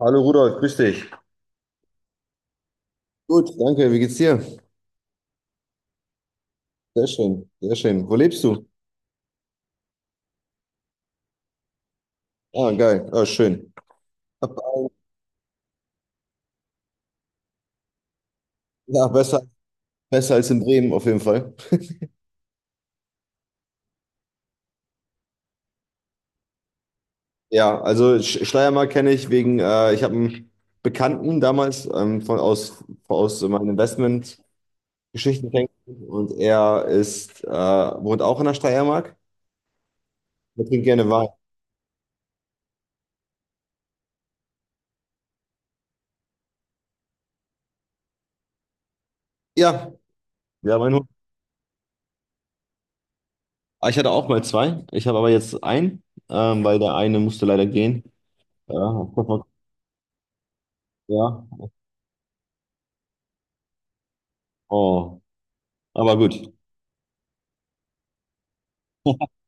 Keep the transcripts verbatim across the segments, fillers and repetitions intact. Hallo Rudolf, grüß dich. Gut, danke. Wie geht's dir? Sehr schön, sehr schön. Wo lebst du? Ah, geil. Ah, schön. Hab ein- Ja, besser, besser als in Bremen auf jeden Fall. Ja, also Sch- Schleiermark kenne ich wegen, äh, ich habe einen Bekannten damals, ähm, von, aus, aus meinen Investment-Geschichten kennengelernt und er ist, äh, wohnt auch in der Schleiermark. Er trinkt gerne Wein. Ja, ja, mein Hund. Ah, Ich hatte auch mal zwei. Ich habe aber jetzt einen, ähm, weil der eine musste leider gehen. Ja, ja. Oh. Aber gut.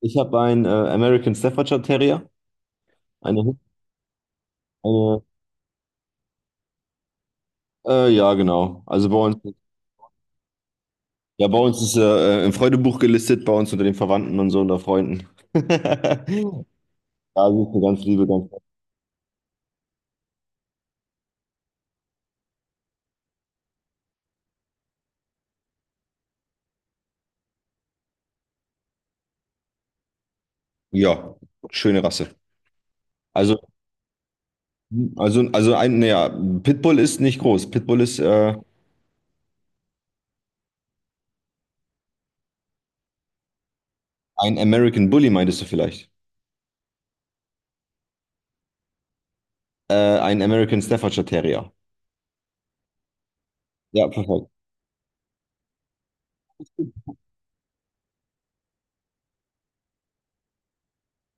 Ich habe einen äh, American Staffordshire Terrier. Eine, eine, äh, ja, genau. Also bei uns, ja, bei uns ist er äh, im Freudebuch gelistet, bei uns unter den Verwandten und so unter Freunden. Ja, sie ist eine ganz liebe, ganz. Ja, schöne Rasse. Also, also, also ein, naja, Pitbull ist nicht groß. Pitbull ist äh, ein American Bully, meintest du vielleicht? Äh, ein American Staffordshire Terrier. Ja, perfekt.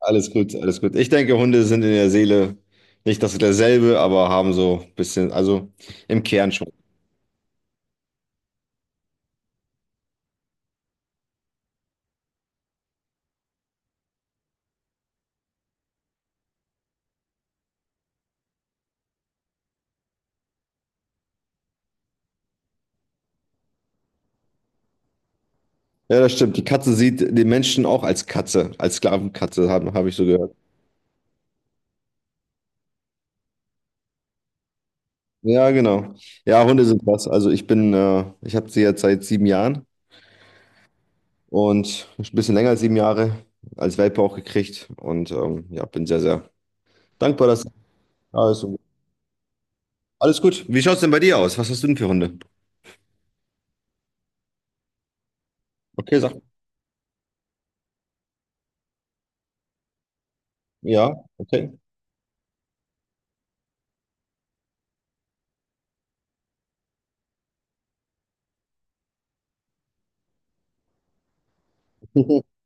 Alles gut, alles gut. Ich denke, Hunde sind in der Seele nicht das derselbe, aber haben so ein bisschen, also im Kern schon. Ja, das stimmt. Die Katze sieht den Menschen auch als Katze, als Sklavenkatze, habe hab ich so gehört. Ja, genau. Ja, Hunde sind was. Also ich bin, äh, ich habe sie jetzt seit sieben Jahren und ein bisschen länger als sieben Jahre als Welpe auch gekriegt und, ähm, ja, bin sehr, sehr dankbar, dass alles so gut. Alles gut. Wie schaut's denn bei dir aus? Was hast du denn für Hunde? Okay, sag. Ja, okay.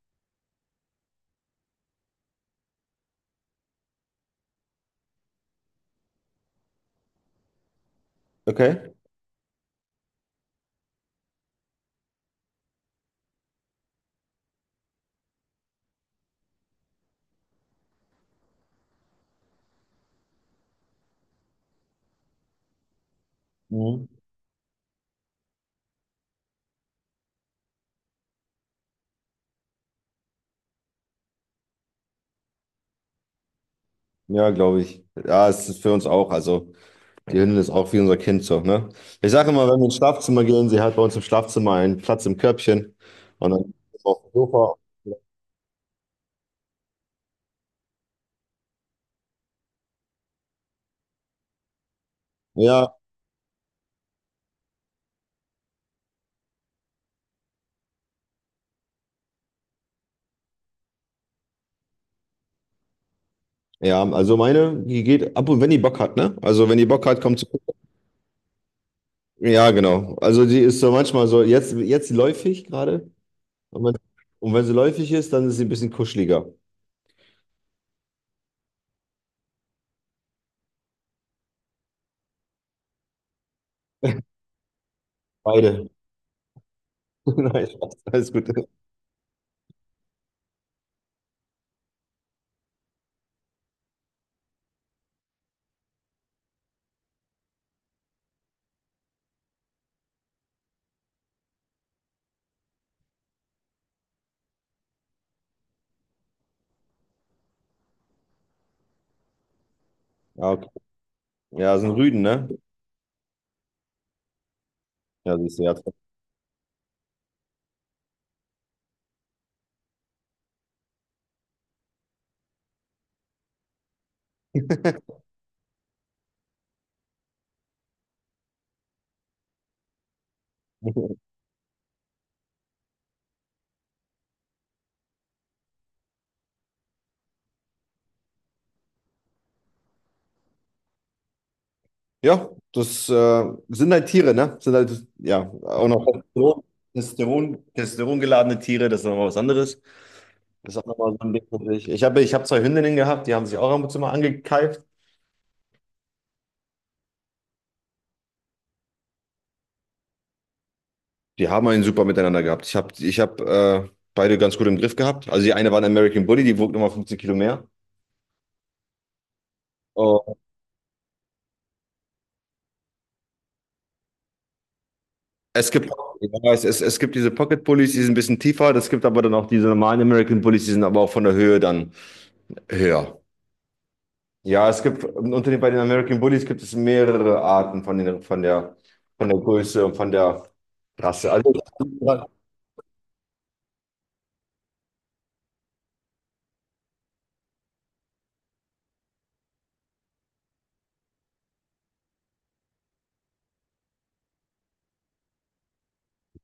Okay. Mhm. Ja, glaube ich. Ja, es ist für uns auch. Also, die Hündin ist auch wie unser Kind so, ne? Ich sage immer, wenn wir ins Schlafzimmer gehen, sie hat bei uns im Schlafzimmer einen Platz im Körbchen und dann auf dem Sofa. Ja, ja, also meine, die geht ab und wenn die Bock hat, ne? Also, wenn die Bock hat, kommt sie. Ja, genau. Also, die ist so manchmal so, jetzt, jetzt läufig gerade. Und wenn, und wenn sie läufig ist, dann ist sie ein bisschen kuscheliger. Beide. Nein, Spaß, alles gut. Ja, okay. Ja, sind Rüden, ne? Ja, siehst du, ja. Ja, das äh, sind halt Tiere, ne? Sind halt, ja, auch noch Testosteron, Testosteron, testosterongeladene Tiere, das ist nochmal was anderes. Das ist auch nochmal so ein Ding für natürlich. Ich habe, ich habe zwei Hündinnen gehabt, die haben sich auch ab und zu mal angekeift. Die haben einen super miteinander gehabt. Ich habe, ich habe äh, beide ganz gut im Griff gehabt. Also die eine war ein American Bully, die wog nochmal fünfzehn Kilo mehr. Oh, es gibt, ich weiß, es, es gibt diese Pocket Bullies, die sind ein bisschen tiefer. Es gibt aber dann auch diese normalen American Bullies, die sind aber auch von der Höhe dann höher. Ja, es gibt unter den bei den American Bullies gibt es mehrere Arten von, den, von der, von der Größe und von der Rasse. Also ich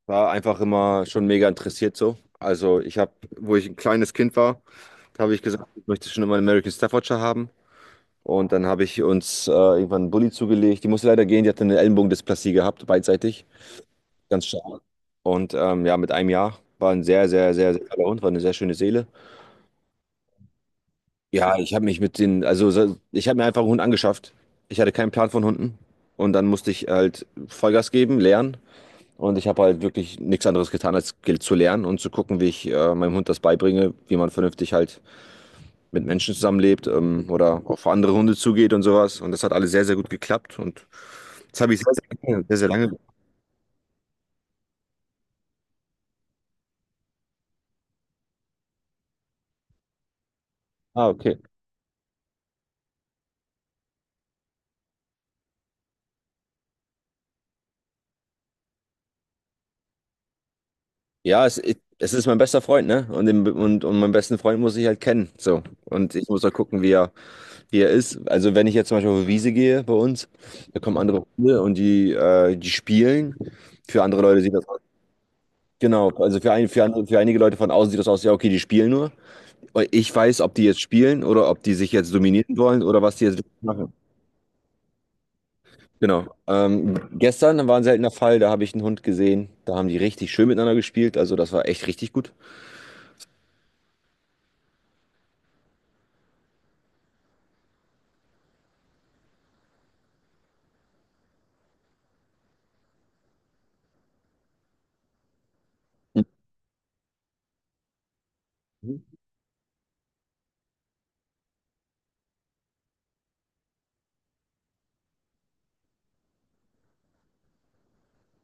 war einfach immer schon mega interessiert so. Also ich habe, wo ich ein kleines Kind war, da habe ich gesagt, ich möchte schon immer einen American Staffordshire haben. Und dann habe ich uns äh, irgendwann einen Bulli zugelegt. Die musste leider gehen, die hatte eine Ellenbogendysplasie gehabt, beidseitig, ganz stark. Und ähm, ja, mit einem Jahr war ein sehr, sehr, sehr, sehr toller Hund, war eine sehr schöne Seele. Ja, ich habe mich mit den, also so- ich habe mir einfach einen Hund angeschafft. Ich hatte keinen Plan von Hunden. Und dann musste ich halt Vollgas geben, lernen. Und ich habe halt wirklich nichts anderes getan, als ge- zu lernen und zu gucken, wie ich äh, meinem Hund das beibringe, wie man vernünftig halt mit Menschen zusammenlebt, ähm, oder auf andere Hunde zugeht und sowas. Und das hat alles sehr, sehr gut geklappt. Und das habe ich sehr, sehr lange, sehr, sehr lange. Ah, okay. Ja, es, es ist mein bester Freund, ne? Und, den, und, und meinen besten Freund muss ich halt kennen. So. Und ich muss halt gucken, wie er hier ist, also wenn ich jetzt zum Beispiel auf die Wiese gehe bei uns, da kommen andere Hunde und die, äh, die spielen. Für andere Leute sieht das aus. Genau, also für, ein, für, andere, für einige Leute von außen sieht das aus, ja, okay, die spielen nur. Aber ich weiß, ob die jetzt spielen oder ob die sich jetzt dominieren wollen oder was die jetzt wirklich machen. Genau. Ähm, gestern war ein seltener Fall, da habe ich einen Hund gesehen, da haben die richtig schön miteinander gespielt, also das war echt richtig gut. Mhm.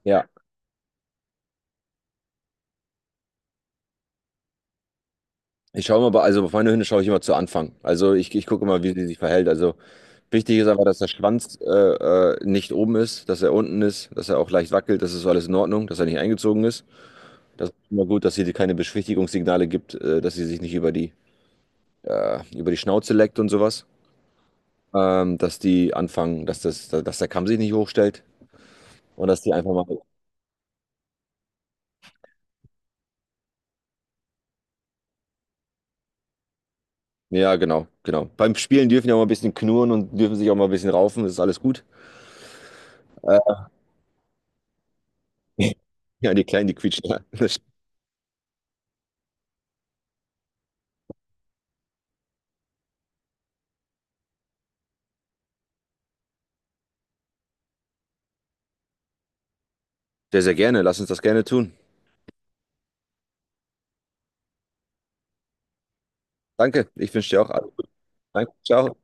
Ja, ich schaue immer, bei- also auf meine Hunde schaue ich immer zu Anfang. Also ich, ich gucke immer, wie sie sich verhält. Also wichtig ist aber, dass der Schwanz äh, äh, nicht oben ist, dass er unten ist, dass er auch leicht wackelt, das ist alles in Ordnung, dass er nicht eingezogen ist. Das ist immer gut, dass sie dir keine Beschwichtigungssignale gibt, äh, dass sie sich nicht über die, äh, über die Schnauze leckt und sowas. Ähm, dass die anfangen, dass, das, dass der Kamm sich nicht hochstellt und dass die einfach mal. Ja, genau, genau. Beim Spielen dürfen die auch mal ein bisschen knurren und dürfen sich auch mal ein bisschen raufen, das ist alles gut. Äh, ja, die Kleinen, die quietschen. Ja. Sehr, sehr gerne, lass uns das gerne tun. Danke, ich wünsche dir auch alles. Danke, ciao.